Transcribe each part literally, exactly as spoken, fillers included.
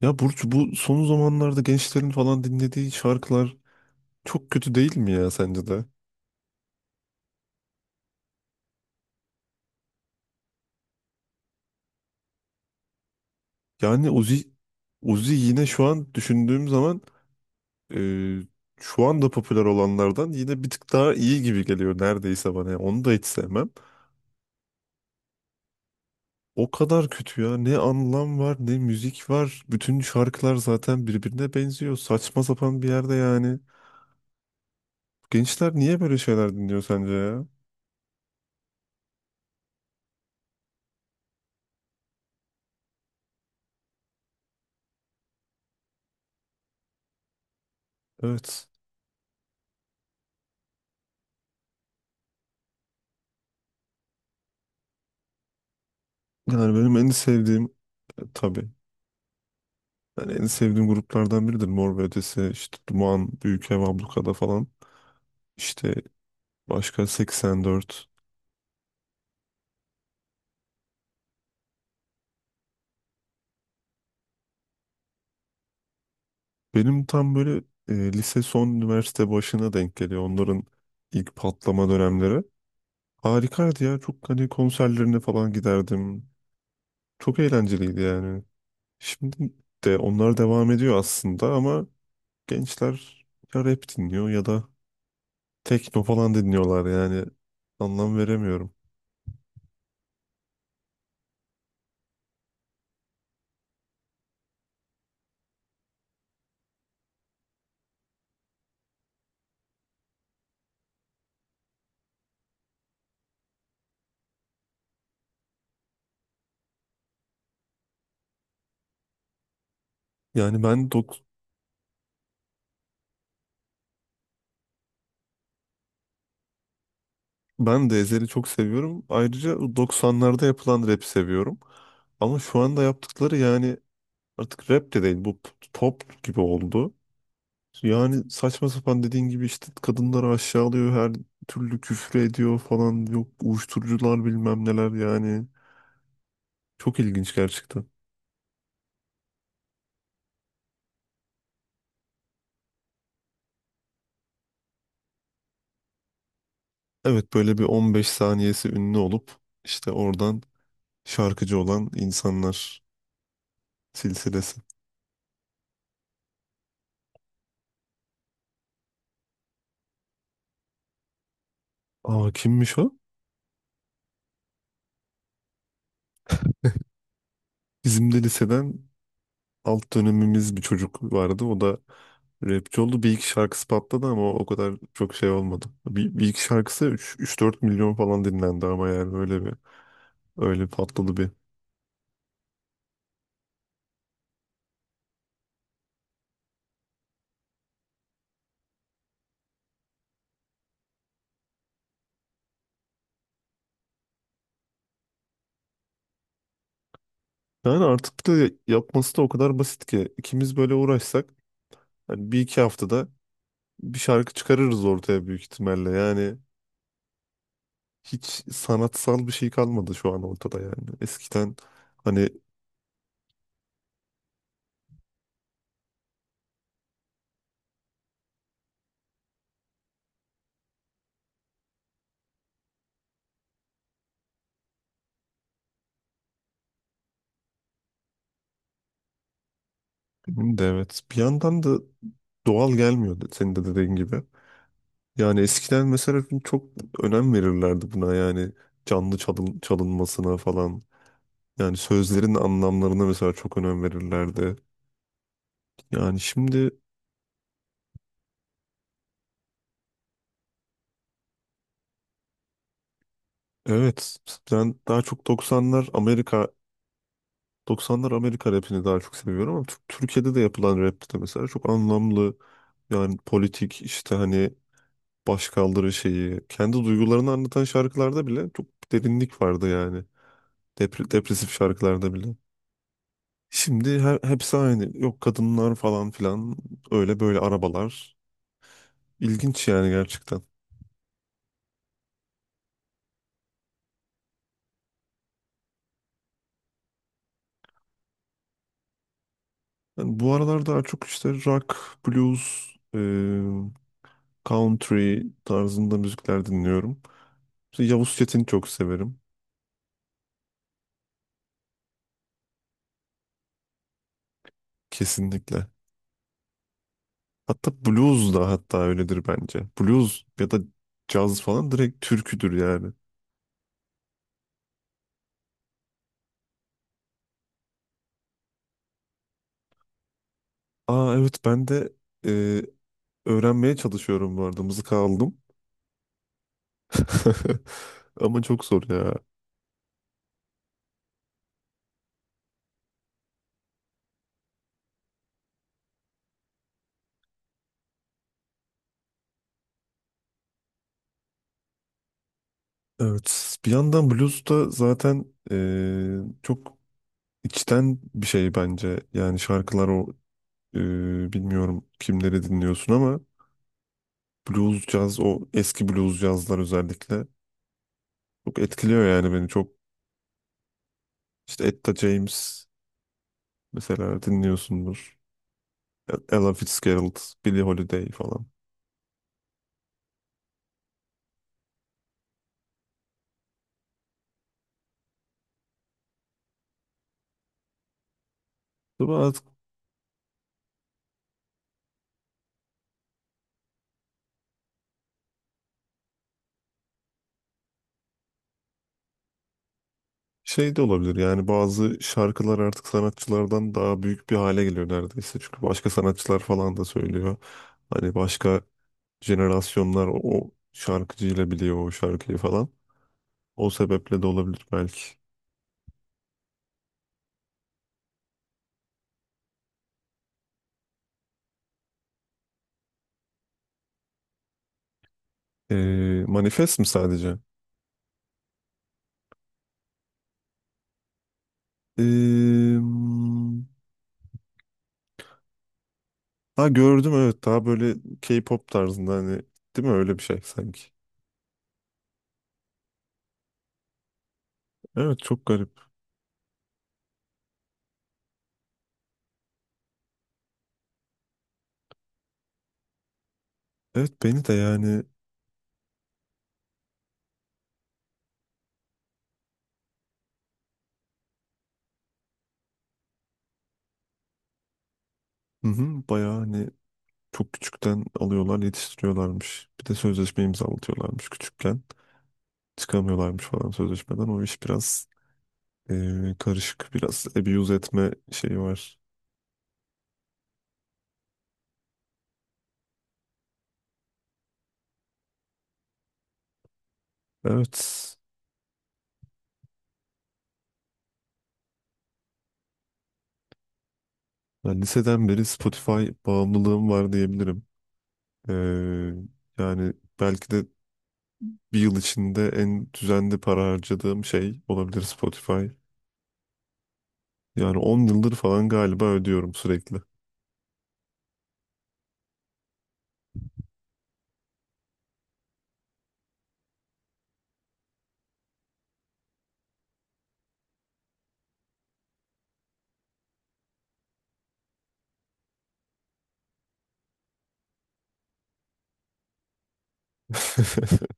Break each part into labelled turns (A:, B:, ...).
A: Ya Burcu, bu son zamanlarda gençlerin falan dinlediği şarkılar çok kötü, değil mi ya, sence de? Yani Uzi, Uzi yine şu an düşündüğüm zaman e, şu anda popüler olanlardan yine bir tık daha iyi gibi geliyor neredeyse bana. Yani onu da hiç sevmem. O kadar kötü ya. Ne anlam var, ne müzik var. Bütün şarkılar zaten birbirine benziyor. Saçma sapan bir yerde yani. Gençler niye böyle şeyler dinliyor sence ya? Evet. Yani benim en sevdiğim e, tabii. Yani en sevdiğim gruplardan biridir. Mor ve Ötesi, işte Duman, Büyükev, Ablukada falan. İşte başka seksen dört. Benim tam böyle e, lise son üniversite başına denk geliyor. Onların ilk patlama dönemleri. Harikaydı ya. Çok hani konserlerine falan giderdim. Çok eğlenceliydi yani. Şimdi de onlar devam ediyor aslında ama gençler ya rap dinliyor ya da tekno falan dinliyorlar yani. Anlam veremiyorum. Yani ben dok ben de Ezhel'i çok seviyorum. Ayrıca doksanlarda yapılan rap seviyorum. Ama şu anda yaptıkları yani artık rap de değil, bu p- pop gibi oldu. Yani saçma sapan, dediğin gibi işte kadınları aşağılıyor, her türlü küfür ediyor falan, yok uyuşturucular, bilmem neler yani. Çok ilginç gerçekten. Evet, böyle bir on beş saniyesi ünlü olup işte oradan şarkıcı olan insanlar silsilesi. Aa, kimmiş o? Bizim de liseden alt dönemimiz bir çocuk vardı. O da rapçi oldu. Bir iki şarkısı patladı ama o kadar çok şey olmadı. Bir, bir iki şarkısı üç dört milyon falan dinlendi ama yani böyle bir. Öyle patladı bir. Yani artık da yapması da o kadar basit ki ikimiz böyle uğraşsak hani bir iki haftada bir şarkı çıkarırız ortaya büyük ihtimalle. Yani hiç sanatsal bir şey kalmadı şu an ortada yani. Eskiden hani benim de, evet, bir yandan da doğal gelmiyordu senin de dediğin gibi. Yani eskiden mesela çok önem verirlerdi buna, yani canlı çalın, çalınmasına falan. Yani sözlerin anlamlarına mesela çok önem verirlerdi. Yani şimdi evet, ben daha çok doksanlar Amerika doksanlar Amerika rapini daha çok seviyorum ama Tür- Türkiye'de de yapılan rap de mesela çok anlamlı. Yani politik işte hani başkaldırı şeyi, kendi duygularını anlatan şarkılarda bile çok derinlik vardı yani. Depre- depresif şarkılarda bile. Şimdi he- hepsi aynı. Yok, kadınlar falan filan, öyle böyle arabalar. İlginç yani gerçekten. Yani bu aralar daha çok işte rock, blues, e, country tarzında müzikler dinliyorum. İşte Yavuz Çetin'i çok severim. Kesinlikle. Hatta blues da, hatta öyledir bence. Blues ya da caz falan direkt türküdür yani. Aa, evet, ben de e, öğrenmeye çalışıyorum bu arada. Mızıka aldım. Ama çok zor ya. Evet. Bir yandan blues da zaten eee, çok içten bir şey bence. Yani şarkılar o eee, bilmiyorum kimleri dinliyorsun ama blues caz, o eski blues cazlar özellikle çok etkiliyor yani beni çok. İşte Etta James mesela dinliyorsundur. Ella Fitzgerald, Billie Holiday falan. Şey de olabilir yani, bazı şarkılar artık sanatçılardan daha büyük bir hale geliyor neredeyse. Çünkü başka sanatçılar falan da söylüyor. Hani başka jenerasyonlar o, o şarkıcıyla biliyor o şarkıyı falan. O sebeple de olabilir belki. Ee, Manifest mi sadece? Ee, hmm, ha, gördüm, evet, daha böyle K-pop tarzında hani, değil mi, öyle bir şey sanki. Evet çok garip. Evet beni de yani. Hı hı, bayağı hani çok küçükten alıyorlar, yetiştiriyorlarmış. Bir de sözleşme imzalatıyorlarmış küçükken. Çıkamıyorlarmış falan sözleşmeden. O iş biraz eee, karışık. Biraz abuse etme şeyi var. Evet. Ben liseden beri Spotify bağımlılığım var diyebilirim. Eee, Yani belki de bir yıl içinde en düzenli para harcadığım şey olabilir Spotify. Yani on yıldır falan galiba ödüyorum sürekli.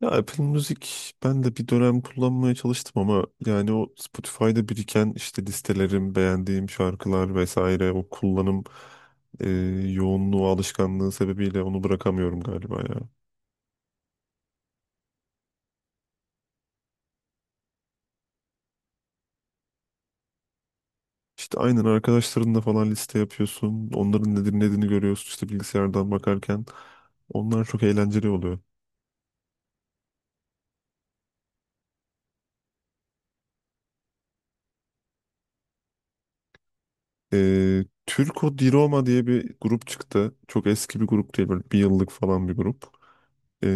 A: Ya, Apple Music ben de bir dönem kullanmaya çalıştım ama yani o Spotify'da biriken işte listelerim, beğendiğim şarkılar vesaire, o kullanım e, yoğunluğu, alışkanlığı sebebiyle onu bırakamıyorum galiba ya. İşte aynen arkadaşlarınla falan liste yapıyorsun. Onların ne dinlediğini görüyorsun işte bilgisayardan bakarken. Onlar çok eğlenceli oluyor. E, Türko Di Roma diye bir grup çıktı. Çok eski bir grup değil, böyle bir yıllık falan bir grup. E,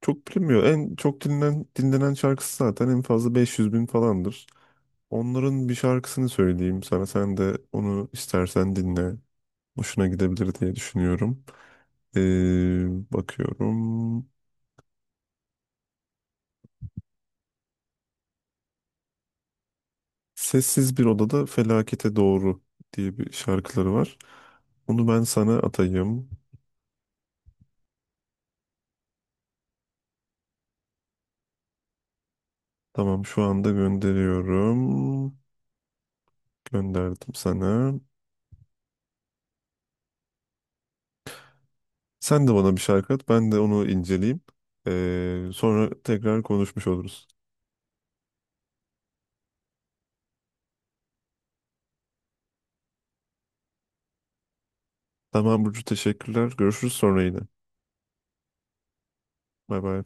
A: Çok bilinmiyor. En çok dinlen dinlenen şarkısı zaten en fazla beş yüz bin falandır. Onların bir şarkısını söyleyeyim sana. Sen de onu istersen dinle. Hoşuna gidebilir diye düşünüyorum. Ee, bakıyorum. Sessiz bir odada felakete doğru diye bir şarkıları var. Onu ben sana atayım. Tamam, şu anda gönderiyorum. Gönderdim sana. Sen de bana bir şarkı at. Ben de onu inceleyeyim. Ee, sonra tekrar konuşmuş oluruz. Tamam Burcu, teşekkürler. Görüşürüz sonra yine. Bay bay.